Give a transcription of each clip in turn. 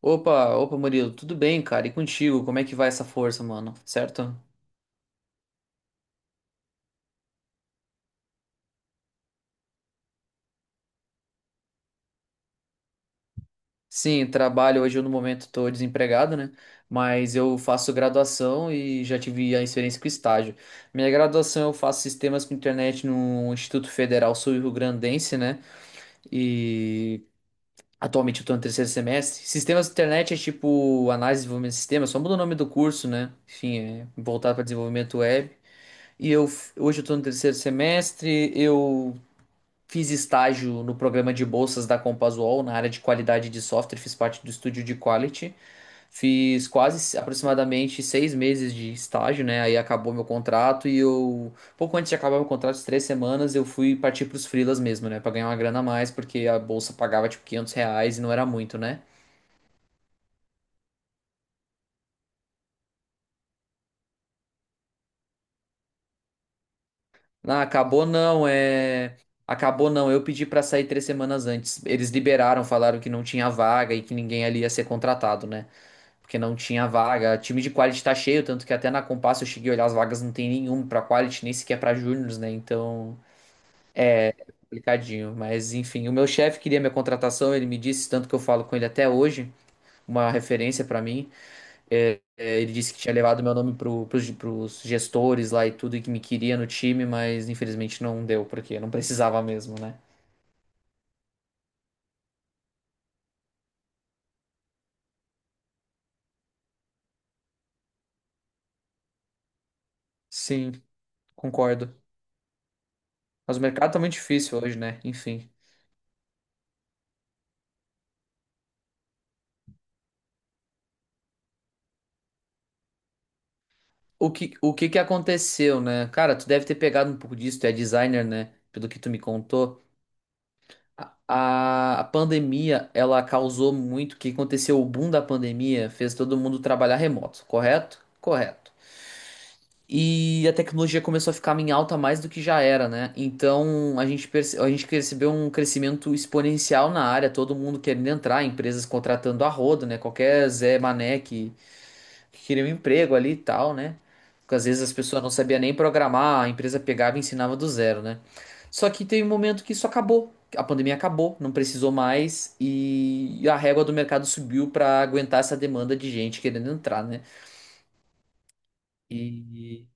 Opa, opa, Murilo, tudo bem, cara? E contigo? Como é que vai essa força, mano? Certo? Sim, no momento estou desempregado, né? Mas eu faço graduação e já tive a experiência com estágio. Minha graduação eu faço sistemas com internet no Instituto Federal Sul-Rio-Grandense, né? E atualmente eu estou no terceiro semestre. Sistemas de internet é tipo análise e desenvolvimento de sistemas, só muda o nome do curso, né? Enfim, é voltado para desenvolvimento web. Hoje eu estou no terceiro semestre, eu. Fiz estágio no programa de bolsas da Compasuol, na área de qualidade de software, fiz parte do estúdio de quality. Fiz quase aproximadamente seis meses de estágio, né? Aí acabou meu contrato e eu, pouco antes de acabar meu contrato, de três semanas, eu fui partir para os freelas mesmo, né? Para ganhar uma grana a mais, porque a bolsa pagava tipo R$ 500 e não era muito, né? Ah, acabou não, é. Acabou não, eu pedi para sair três semanas antes. Eles liberaram, falaram que não tinha vaga e que ninguém ali ia ser contratado, né? Porque não tinha vaga. Time de quality tá cheio, tanto que até na Compass eu cheguei a olhar as vagas, não tem nenhum pra quality, nem sequer pra júniors, né? Então, complicadinho. Mas enfim, o meu chefe queria minha contratação, ele me disse, tanto que eu falo com ele até hoje, uma referência pra mim. Ele disse que tinha levado meu nome pros gestores lá e tudo, e que me queria no time, mas infelizmente não deu, porque não precisava mesmo, né? Sim, concordo. Mas o mercado tá muito difícil hoje, né? Enfim. O que que aconteceu, né? Cara, tu deve ter pegado um pouco disso, tu é designer, né? Pelo que tu me contou. A pandemia, ela causou muito. O que aconteceu? O boom da pandemia fez todo mundo trabalhar remoto, correto? Correto. E a tecnologia começou a ficar em alta mais do que já era, né? Então a gente percebeu um crescimento exponencial na área, todo mundo querendo entrar, empresas contratando a rodo, né? Qualquer Zé Mané que queriam um emprego ali e tal, né? Porque às vezes as pessoas não sabiam nem programar, a empresa pegava e ensinava do zero, né? Só que teve um momento que isso acabou. A pandemia acabou, não precisou mais e a régua do mercado subiu para aguentar essa demanda de gente querendo entrar, né? E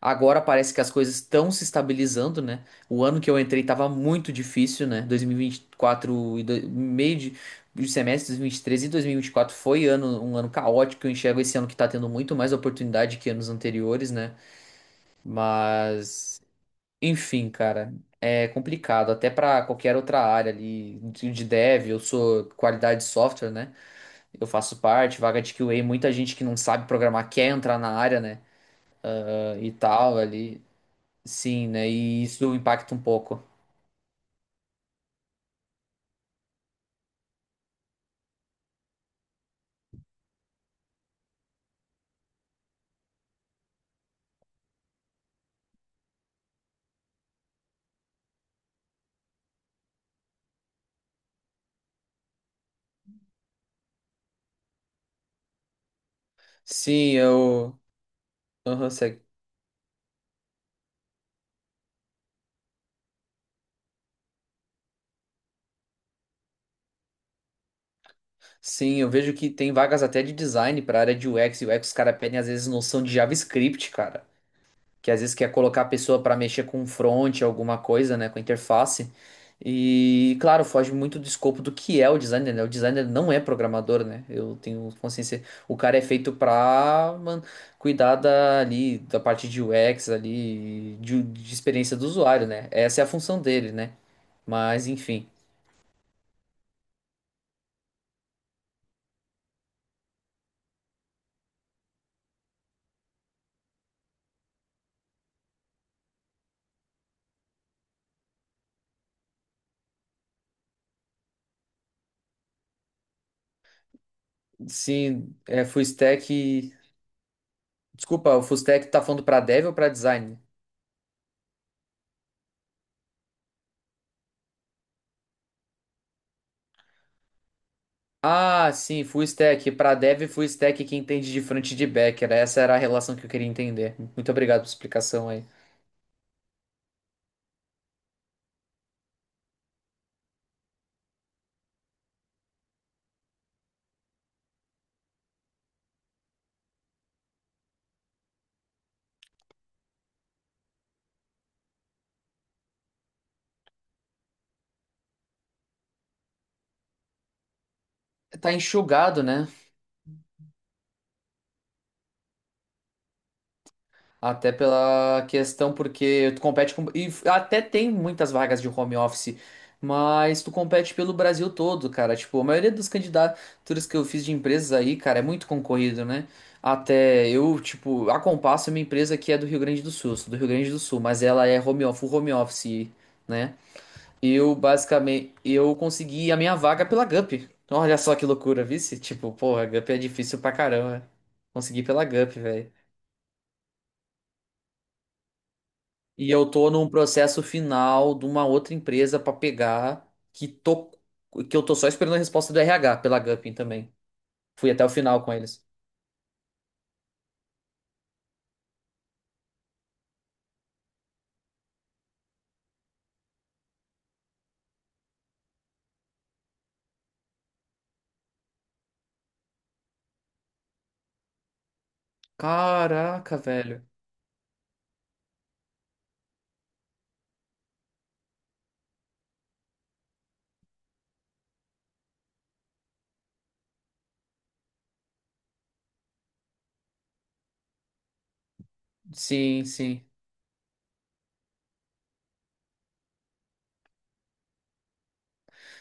agora parece que as coisas estão se estabilizando, né? O ano que eu entrei tava muito difícil, né? Dois mil e vinte e quatro e do- meio de semestre, dois mil e três e dois mil e vinte e quatro foi ano, um ano caótico. Eu enxergo esse ano que tá tendo muito mais oportunidade que anos anteriores, né? Mas, enfim, cara, é complicado. Até pra qualquer outra área ali de dev, eu sou qualidade de software, né? Eu faço parte, vaga de QA, muita gente que não sabe programar quer entrar na área, né? E tal ali. Sim, né? E isso impacta um pouco. Sim, eu. Aham, segue. Sim, eu vejo que tem vagas até de design para área de UX. E UX, os caras pedem às vezes noção de JavaScript, cara. Que às vezes quer colocar a pessoa para mexer com front, alguma coisa, né? Com interface. E, claro, foge muito do escopo do que é o designer, né? O designer não é programador, né? Eu tenho consciência. O cara é feito pra, mano, cuidar da, ali, da parte de UX, ali, de experiência do usuário, né? Essa é a função dele, né? Mas, enfim. Se é full stack. Desculpa, o full stack tá falando pra dev ou pra design? Ah, sim, full stack. Pra dev, full stack quem entende de front e de back. Era, essa era a relação que eu queria entender. Muito obrigado pela explicação aí. Tá enxugado, né? Até pela questão, porque tu compete com. E até tem muitas vagas de home office, mas tu compete pelo Brasil todo, cara. Tipo, a maioria das candidaturas que eu fiz de empresas aí, cara, é muito concorrido, né? Até eu, tipo, a Compasso é uma empresa que é do Rio Grande do Sul, sou do Rio Grande do Sul, mas ela é home office, full home office, né? Eu, basicamente, eu consegui a minha vaga pela Gupy. Olha só que loucura, vice? Tipo, porra, Gupy é difícil pra caramba. Consegui pela Gupy, velho. E eu tô num processo final de uma outra empresa pra pegar que tô que eu tô só esperando a resposta do RH pela Gupin também. Fui até o final com eles. Caraca, velho. Sim, sim.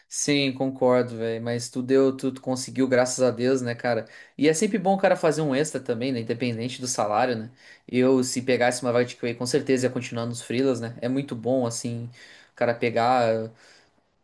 Sim, concordo, velho, mas tu conseguiu, graças a Deus, né, cara? E é sempre bom o cara fazer um extra também, né, independente do salário, né? Eu, se pegasse uma vaga de QA, com certeza ia continuar nos freelas, né? É muito bom, assim, o cara pegar.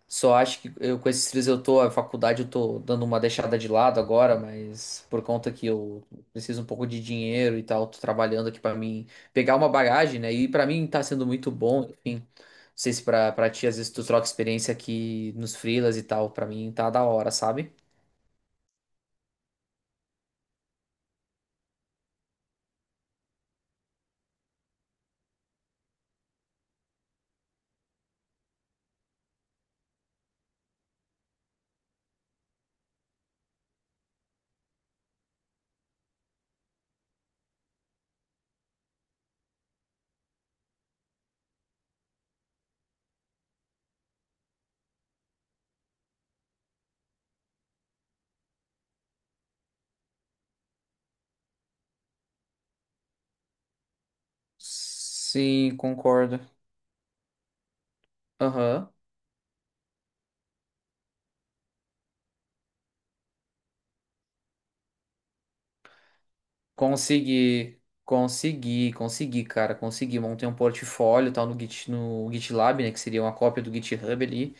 Só acho que eu com esses três eu tô, a faculdade eu tô dando uma deixada de lado agora, mas por conta que eu preciso um pouco de dinheiro e tal, tô trabalhando aqui pra mim pegar uma bagagem, né? E pra mim tá sendo muito bom, enfim. Não sei se pra ti às vezes tu troca experiência aqui nos freelas e tal, pra mim tá da hora, sabe? Sim, concordo. Aham. Consegui, consegui, consegui, cara, consegui. Montei um portfólio e tal no Git, no GitLab, né? Que seria uma cópia do GitHub ali.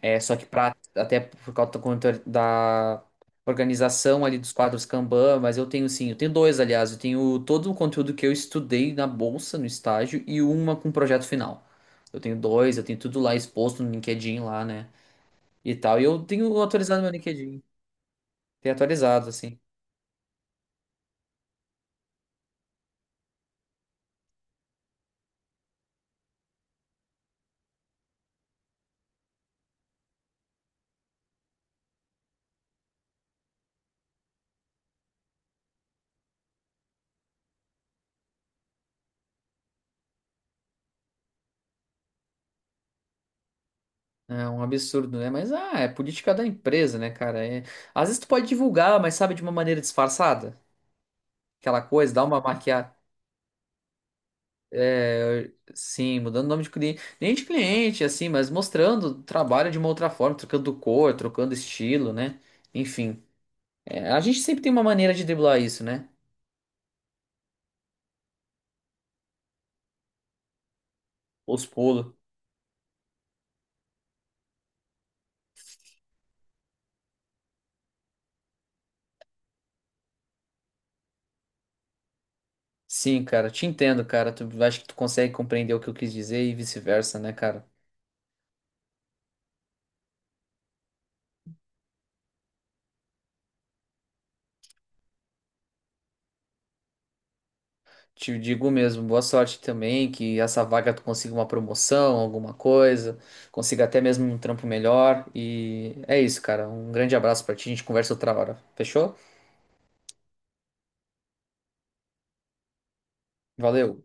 É, só que pra, até por causa da organização ali dos quadros Kanban, mas eu tenho sim, eu tenho dois, aliás, eu tenho todo o conteúdo que eu estudei na bolsa, no estágio, e uma com projeto final. Eu tenho dois, eu tenho tudo lá exposto no LinkedIn lá, né? E tal, e eu tenho atualizado meu LinkedIn, tenho atualizado, assim. É um absurdo, né? Mas, ah, é política da empresa, né, cara? É... Às vezes tu pode divulgar, mas sabe, de uma maneira disfarçada. Aquela coisa, dá uma maquiagem. É, sim, mudando o nome de cliente, nem de cliente, assim, mas mostrando o trabalho de uma outra forma, trocando cor, trocando estilo, né? Enfim, é, a gente sempre tem uma maneira de driblar isso, né? Os pulos. Sim, cara, te entendo, cara. Tu acho que tu consegue compreender o que eu quis dizer e vice-versa, né, cara? Te digo mesmo, boa sorte também, que essa vaga tu consiga uma promoção, alguma coisa, consiga até mesmo um trampo melhor. E é isso, cara. Um grande abraço pra ti, a gente conversa outra hora. Fechou? Valeu.